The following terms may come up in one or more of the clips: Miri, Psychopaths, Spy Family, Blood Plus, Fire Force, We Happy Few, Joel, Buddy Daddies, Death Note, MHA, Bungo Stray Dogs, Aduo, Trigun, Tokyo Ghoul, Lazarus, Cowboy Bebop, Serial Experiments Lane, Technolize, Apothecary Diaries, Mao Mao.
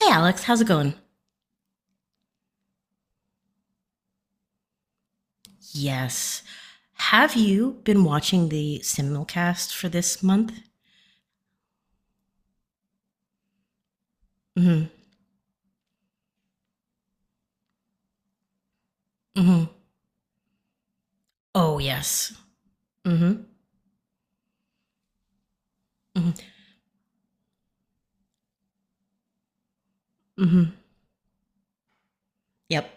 Hey, Alex, how's it going? Yes. Have you been watching the simulcast for this month? Hmm. Hmm. Oh, yes. Mm. Hmm. Hmm. Hmm. Yep.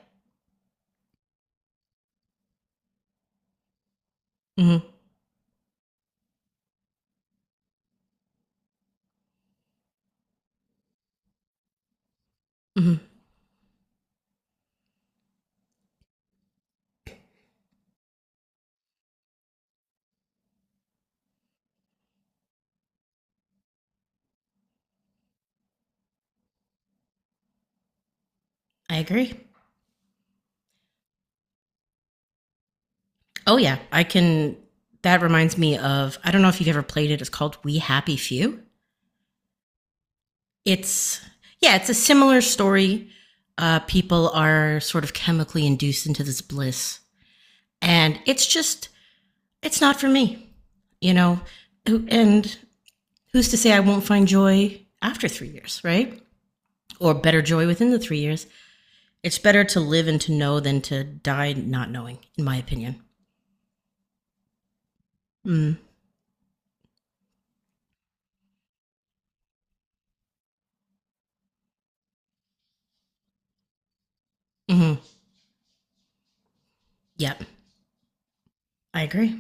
Hmm. Hmm. I agree. Oh, yeah. I can. That reminds me of. I don't know if you've ever played it. It's called We Happy Few. It's. Yeah, it's a similar story. People are sort of chemically induced into this bliss. And it's just. It's not for me you know and who's to say I won't find joy after 3 years, right? Or better joy within the 3 years. It's better to live and to know than to die not knowing, in my opinion. Mm. Hmm. Yep, I agree.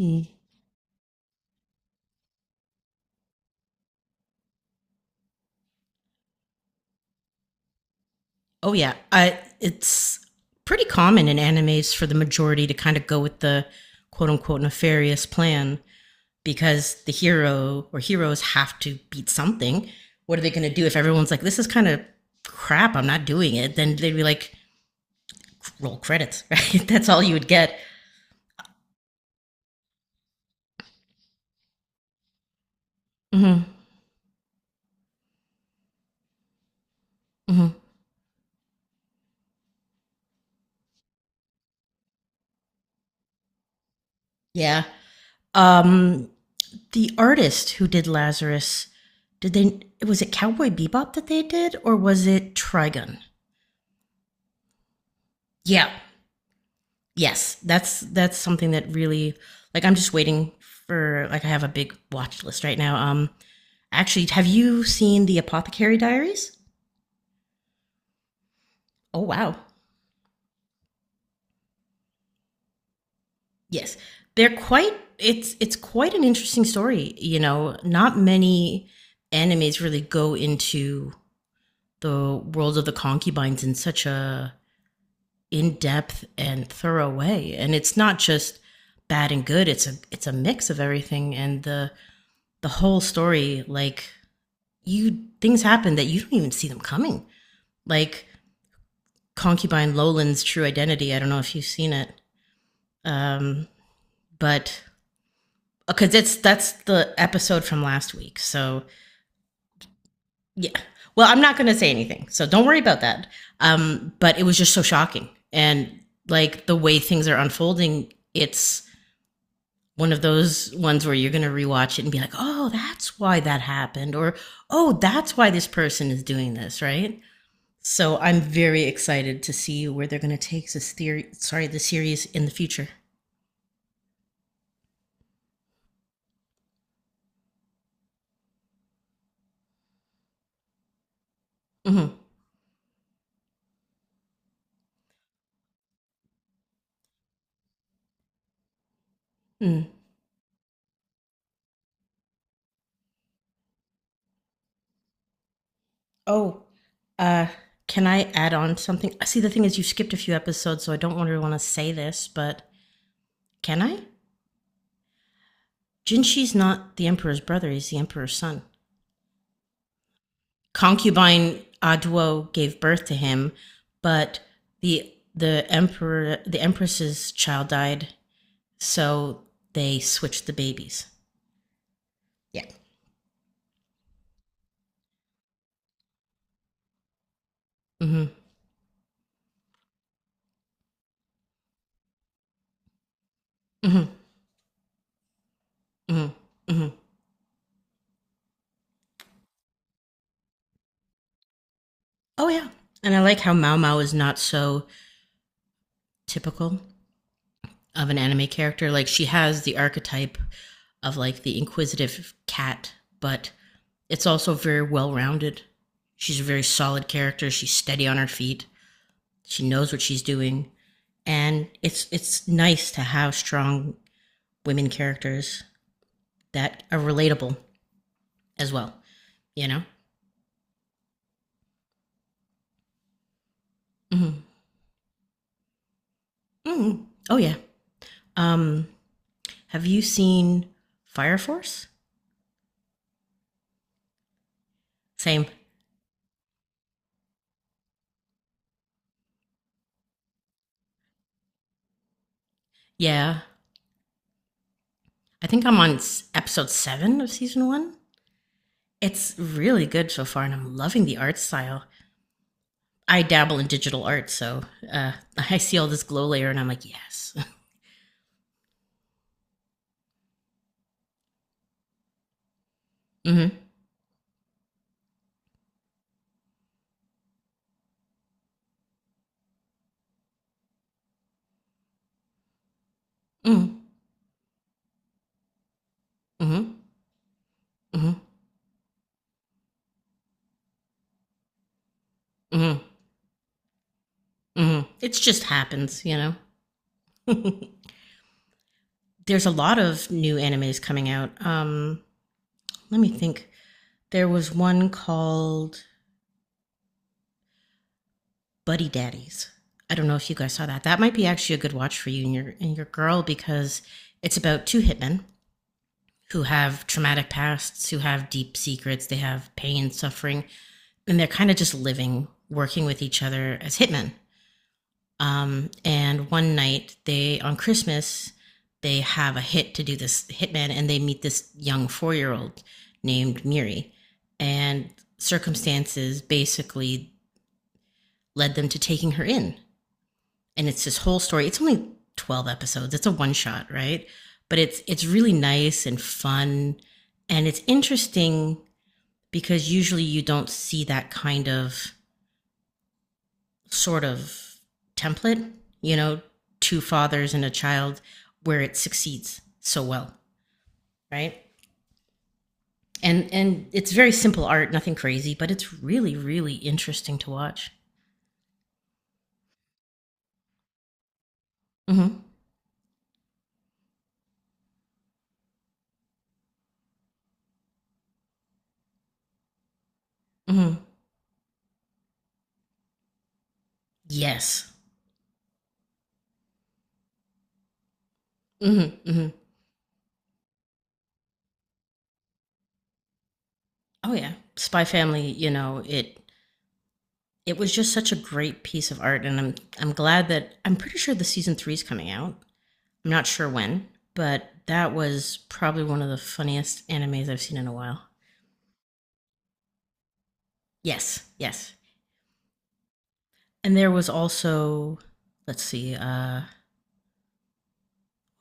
Mm. Oh yeah, it's pretty common in animes for the majority to kind of go with the quote unquote nefarious plan because the hero or heroes have to beat something. What are they going to do if everyone's like, "This is kind of crap. I'm not doing it." Then they'd be like, roll credits, right? That's all you would get. Mm-hmm. Mm-hmm. Yeah. Um, the artist who did Lazarus, did they? Was it Cowboy Bebop that they did, or was it Trigun? Yeah. Yes. That's something that really like I'm just waiting for. Like I have a big watch list right now. Actually, have you seen the Apothecary Diaries? Oh wow. Yes. They're quite it's quite an interesting story. Not many animes really go into the world of the concubines in such a in-depth and thorough way. And it's not just bad and good, it's a mix of everything and the whole story like you things happen that you don't even see them coming. Like concubine Lolan's true identity. I don't know if you've seen it. Um but because it's that's the episode from last week. So yeah, well, I'm not going to say anything, so don't worry about that. But it was just so shocking, and like the way things are unfolding, it's one of those ones where you're going to rewatch it and be like, oh, that's why that happened, or oh, that's why this person is doing this, right? So I'm very excited to see where they're going to take this theory. Sorry, the series in the future. Mm-hmm. Mm. Oh, uh, can I add on something? See, the thing is, you skipped a few episodes, so I don't really want to say this, but can I? Jinshi's not the emperor's brother; he's the emperor's son. Concubine Aduo gave birth to him, but the empress's child died, so they switched the babies. Yeah. Mm-hmm. Mm-hmm. Mm-hmm. Mm-hmm. Oh yeah. And I like how Mao Mao is not so typical of an anime character. Like she has the archetype of like the inquisitive cat, but it's also very well rounded. She's a very solid character. She's steady on her feet. She knows what she's doing, and it's nice to have strong women characters that are relatable as well. You know. Mm-hmm. Mm-hmm. Oh yeah. Um, have you seen Fire Force? Same. Yeah. I think I'm on episode seven of season one. It's really good so far, and I'm loving the art style. I dabble in digital art, so uh, I see all this glow layer, and I'm like, yes. Mm-hmm. Mm-hmm. Mm-hmm. Mm-hmm. Mm-hmm. Mm-hmm. It just happens. There's a lot of new animes coming out. Let me think. There was one called Buddy Daddies. I don't know if you guys saw that. That might be actually a good watch for you and your girl because it's about two hitmen who have traumatic pasts, who have deep secrets, they have pain, suffering, and they're kind of just living, working with each other as hitmen. And one night, they on Christmas, they have a hit to do this hitman, and they meet this young 4-year-old old named Miri, and circumstances basically led them to taking her in. And it's this whole story. It's only 12 episodes. It's a one shot, right? But it's really nice and fun, and it's interesting because usually you don't see that kind of sort of template, you know, two fathers and a child where it succeeds so well, right? And it's very simple art, nothing crazy, but it's really really interesting to watch. Mhm. Mhm. Yes. Mhm. Mhm. Oh yeah. Spy Family, it was just such a great piece of art and I'm glad that I'm pretty sure the season 3 is coming out. I'm not sure when, but that was probably one of the funniest animes I've seen in a while. Yes, yes. And there was also, let's see,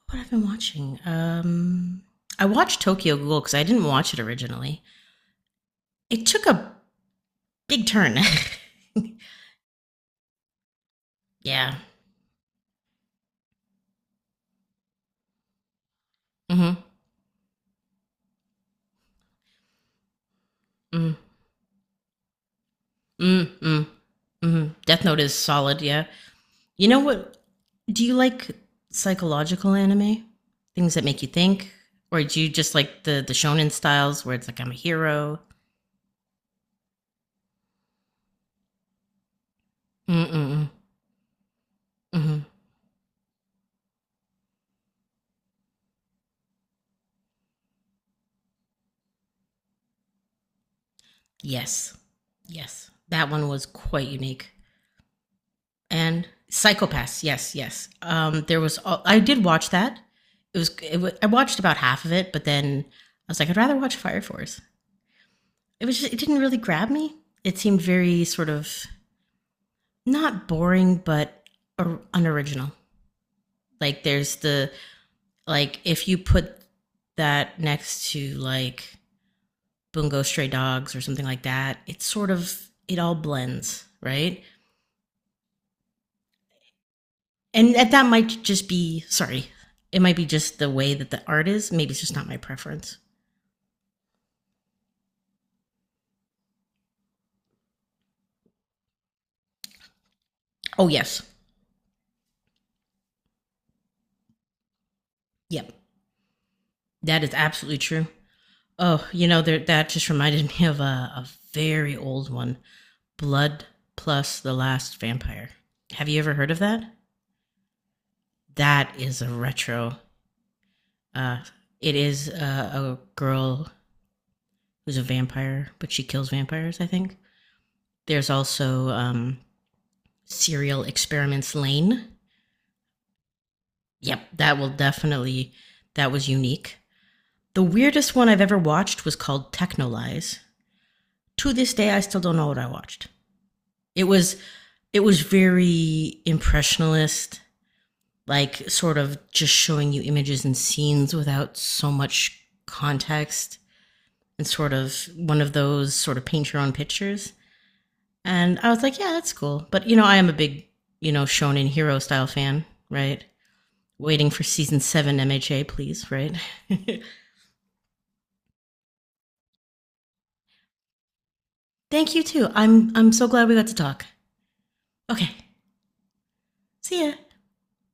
what I've been watching. I watched Tokyo Ghoul because I didn't watch it originally. It took a big turn. Yeah. Mm-hmm. Mm-hmm. Mm-hmm. Mm-hmm. Death Note is solid. Yeah. You know what? Do you like psychological anime? Things that make you think? Or do you just like the shonen styles where it's like, I'm a hero? Mm-mm. Mm-hmm. Yes. Yes. That one was quite unique. And Psychopaths. Yes. Yes. I did watch that. It was, it wa I watched about half of it, but then I was like, I'd rather watch Fire Force. It didn't really grab me. It seemed very sort of not boring, but unoriginal. Like there's the Like if you put that next to like Bungo Stray Dogs or something like that, it's sort of it all blends, right? And that might just be sorry, it might be just the way that the art is. Maybe it's just not my preference. Oh yes, yep, that is absolutely true. Oh, you know there, that just reminded me of a very old one, Blood Plus the Last Vampire. Have you ever heard of that? That is a retro. Uh, it is a girl who's a vampire, but she kills vampires, I think. There's also Serial Experiments Lane. Yep, that will definitely, that was unique. The weirdest one I've ever watched was called Technolize. To this day, I still don't know what I watched. It was it was very impressionist, like sort of just showing you images and scenes without so much context, and sort of one of those sort of paint your own pictures. And I was like, yeah, that's cool. But, I am a big, shonen hero style fan, right? Waiting for season seven MHA, please, right? Thank you too. I'm so glad we got to talk. Okay. See ya.